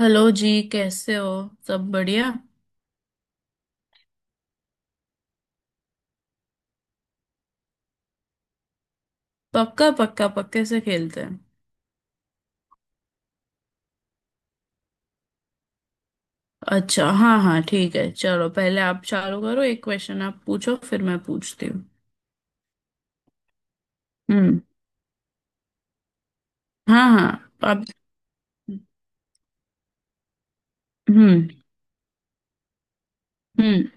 Hello जी, कैसे हो? सब बढ़िया। पक्का पक्का, पक्के से खेलते हैं। अच्छा, हाँ हाँ, ठीक है, चलो, पहले आप चालू करो, एक क्वेश्चन आप पूछो, फिर मैं पूछती हूँ। हम्म। हाँ हाँ। आप। हम्म। हम्म।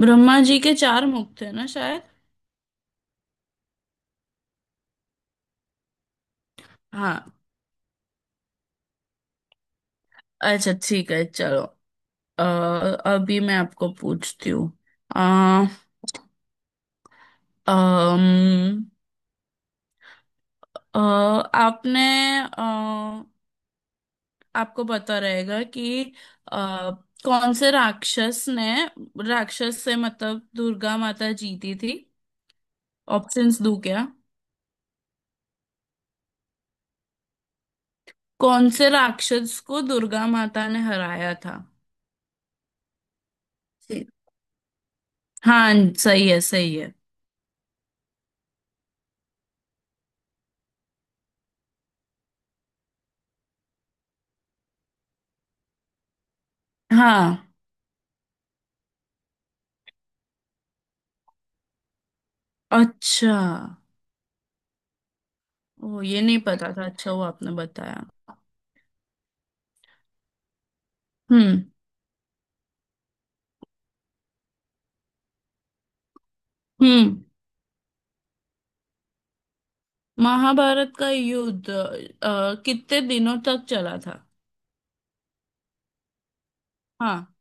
ब्रह्मा जी के चार मुख थे ना, शायद। हाँ। अच्छा, ठीक है, चलो। अ, अभी मैं आपको पूछती हूँ। अ, अम, अ, आपने, आपको पता रहेगा कि आ, कौन से राक्षस ने, राक्षस से मतलब दुर्गा माता जीती थी। ऑप्शंस दूं क्या? कौन से राक्षस को दुर्गा माता ने हराया था? जी। हाँ। सही है, सही है। हाँ। अच्छा। ओ, ये नहीं पता था, अच्छा वो आपने बताया। हम्म। हम्म। महाभारत का युद्ध कितने दिनों तक चला था? हाँ।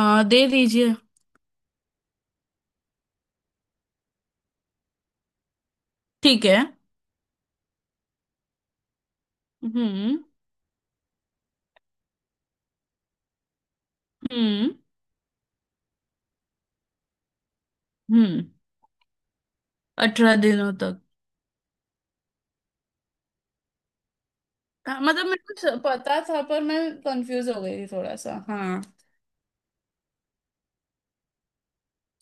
दे दीजिए। ठीक है। हम्म। हम्म। हम्म। 18 दिनों तक। हाँ, मतलब मेरे को पता था, पर मैं कंफ्यूज हो गई थी थोड़ा सा, हाँ।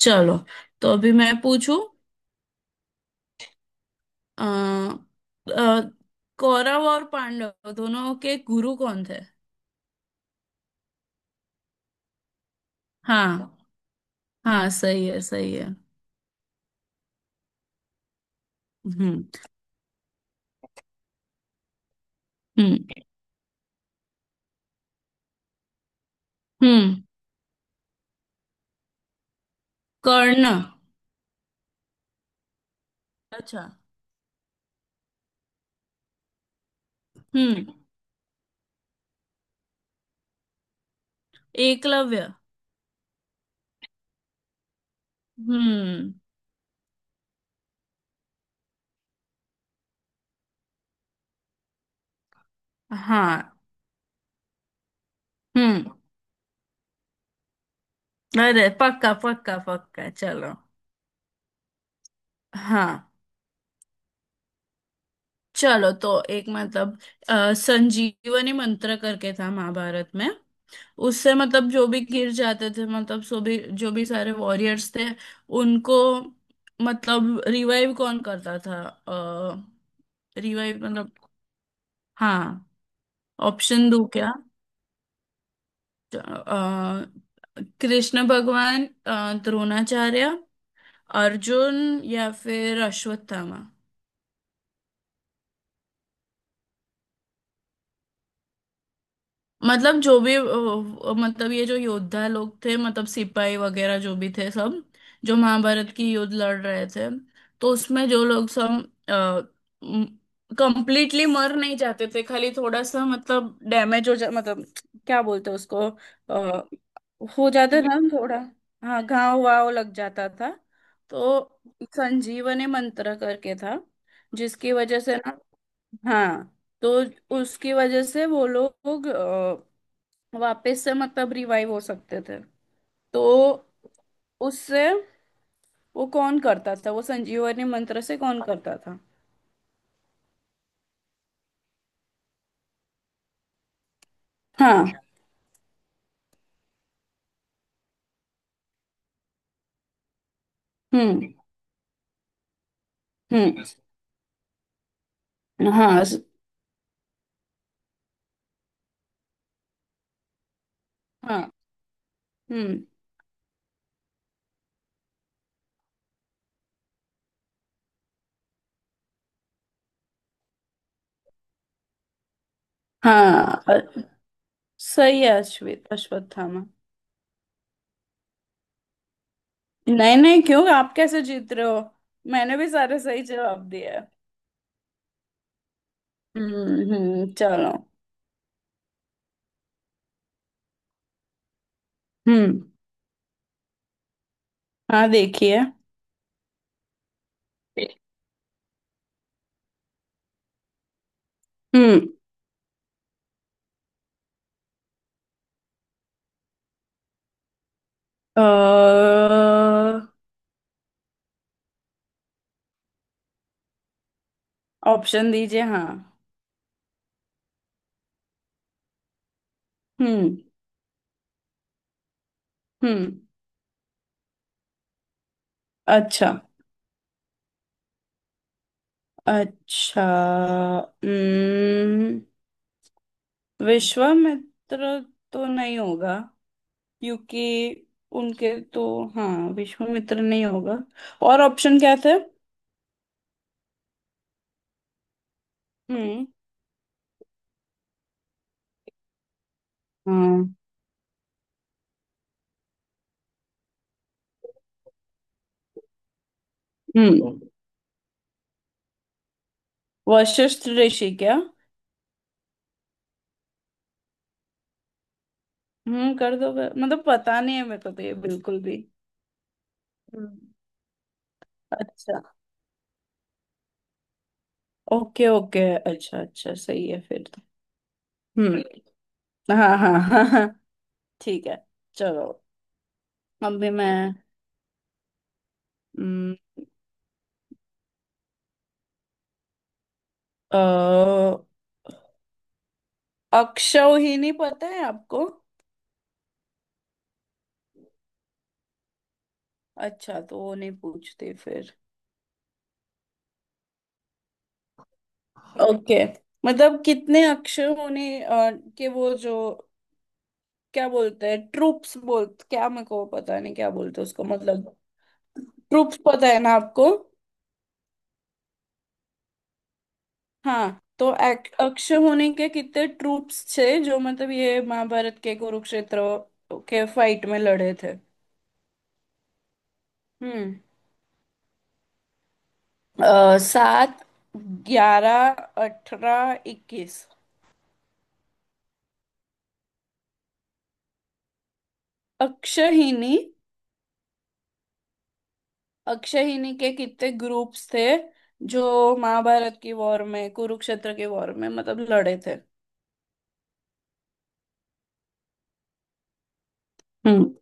चलो। तो अभी मैं पूछूं। आ, कौरव और पांडव दोनों के गुरु कौन थे? हाँ। हाँ सही है, सही है। हम्म। हम्म। हम्म। कर्ण। अच्छा। हम्म। एकलव्य। हम्म। हाँ। हम्म। अरे पक्का पक्का पक्का, चलो। हाँ। चलो, तो एक मतलब, संजीवनी मंत्र करके था महाभारत में। उससे मतलब जो भी गिर जाते थे, मतलब सो भी, जो भी सारे वॉरियर्स थे। उनको, मतलब रिवाइव कौन करता था? अ रिवाइव मतलब। हाँ। ऑप्शन दो क्या? अ, कृष्ण भगवान, द्रोणाचार्य, अर्जुन, या फिर अश्वत्थामा। मतलब जो भी मतलब ये जो योद्धा लोग थे, मतलब सिपाही वगैरह जो भी थे, सब। जो महाभारत की युद्ध लड़ रहे थे। तो उसमें जो लोग सब कंप्लीटली मर नहीं जाते थे, खाली थोड़ा सा मतलब डैमेज हो जा, मतलब क्या बोलते हैं उसको? अ, हो जाता था थोड़ा। हाँ, घाव वाव लग जाता था। तो संजीवनी मंत्र करके था, जिसकी वजह से ना। हाँ। तो उसकी वजह से वो लोग वापस से मतलब रिवाइव हो सकते थे। तो उससे वो कौन करता था, वो संजीवनी मंत्र से कौन करता था? हाँ। हम्म। हम्म। हाँ। हाँ। हम्म। हाँ, सही है, अश्वित अश्वत्थामा। नहीं नहीं, क्यों? आप कैसे जीत रहे हो? मैंने भी सारे सही जवाब दिए हैं। हम्म, चलो। हम्म। हाँ, देखिए। हम्म। अ, ऑप्शन दीजिए, हाँ। हम्म। हम्म। अच्छा, अच्छा। हम्म, विश्वामित्र तो नहीं होगा, क्योंकि उनके तो। हाँ, विश्वामित्र नहीं होगा, और ऑप्शन क्या थे? हम्म। हाँ। हम्म। वशिष्ठ ऋषि क्या? कर दो, मतलब पता नहीं है मेरे को तो ये बिल्कुल भी। हम्म। अच्छा, ओके ओके। अच्छा अच्छा, सही है फिर तो। हम्म। हाँ हाँ हाँ हाँ। ठीक है। चलो। अभी मैं। हम्म, अक्षौहिणी पता है आपको? अच्छा, तो वो नहीं पूछते फिर। हाँ। ओके। मतलब कितने अक्षर होने के वो जो, क्या बोलते हैं, ट्रूप्स बोल, क्या मेरे को पता नहीं क्या बोलते हैं उसको, मतलब ट्रूप्स पता है ना आपको? हाँ, तो अक्षर होने के कितने ट्रूप्स थे जो मतलब ये महाभारत के कुरुक्षेत्र के फाइट में लड़े थे। हम्म। सात, 11, 18, 21। अक्षहिनी। अक्षहिनी के कितने ग्रुप्स थे जो महाभारत की वॉर में, कुरुक्षेत्र की वॉर में मतलब लड़े थे? हम्म।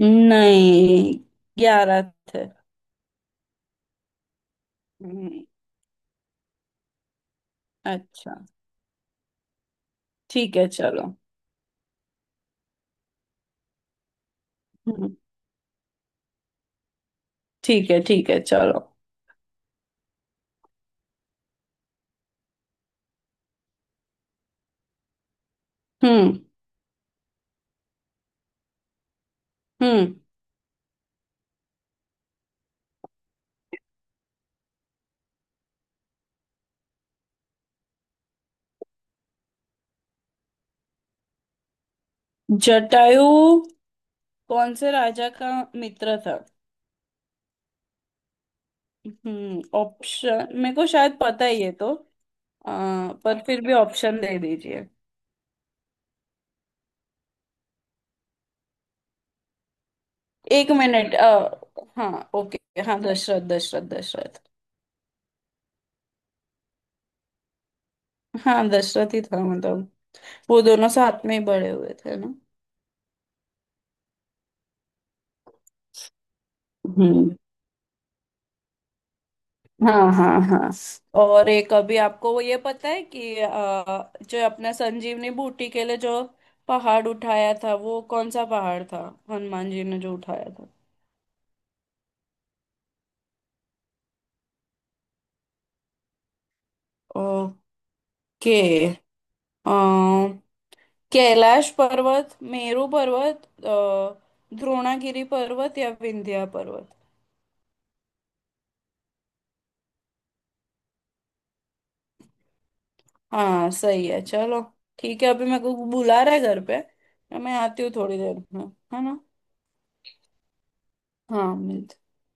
नहीं। 11 थे। हम्म। अच्छा। ठीक है, चलो। हम्म। ठीक है, ठीक है, चलो। हम्म। हम्म। जटायु कौन से राजा का मित्र था? ऑप्शन मेरे को शायद पता ही है, तो पर फिर भी ऑप्शन दे दीजिए। एक मिनट, हाँ, ओके, हाँ, दशरथ दशरथ दशरथ। हाँ, दशरथ ही था मतलब। वो दोनों साथ में ही बड़े हुए थे ना? हम्म। हाँ हाँ हाँ। और एक, अभी आपको वो ये पता है कि जो अपना संजीवनी बूटी के लिए जो पहाड़ उठाया था वो कौन सा पहाड़ था? हनुमान जी ने जो उठाया था। ओके। अ, कैलाश पर्वत, मेरू पर्वत, द्रोणागिरी पर्वत, या विंध्या। हाँ सही है, चलो। ठीक है, अभी मेरे को बुला रहा है घर पे, तो मैं आती हूँ थोड़ी देर में। है ना? हाँ, मिलते।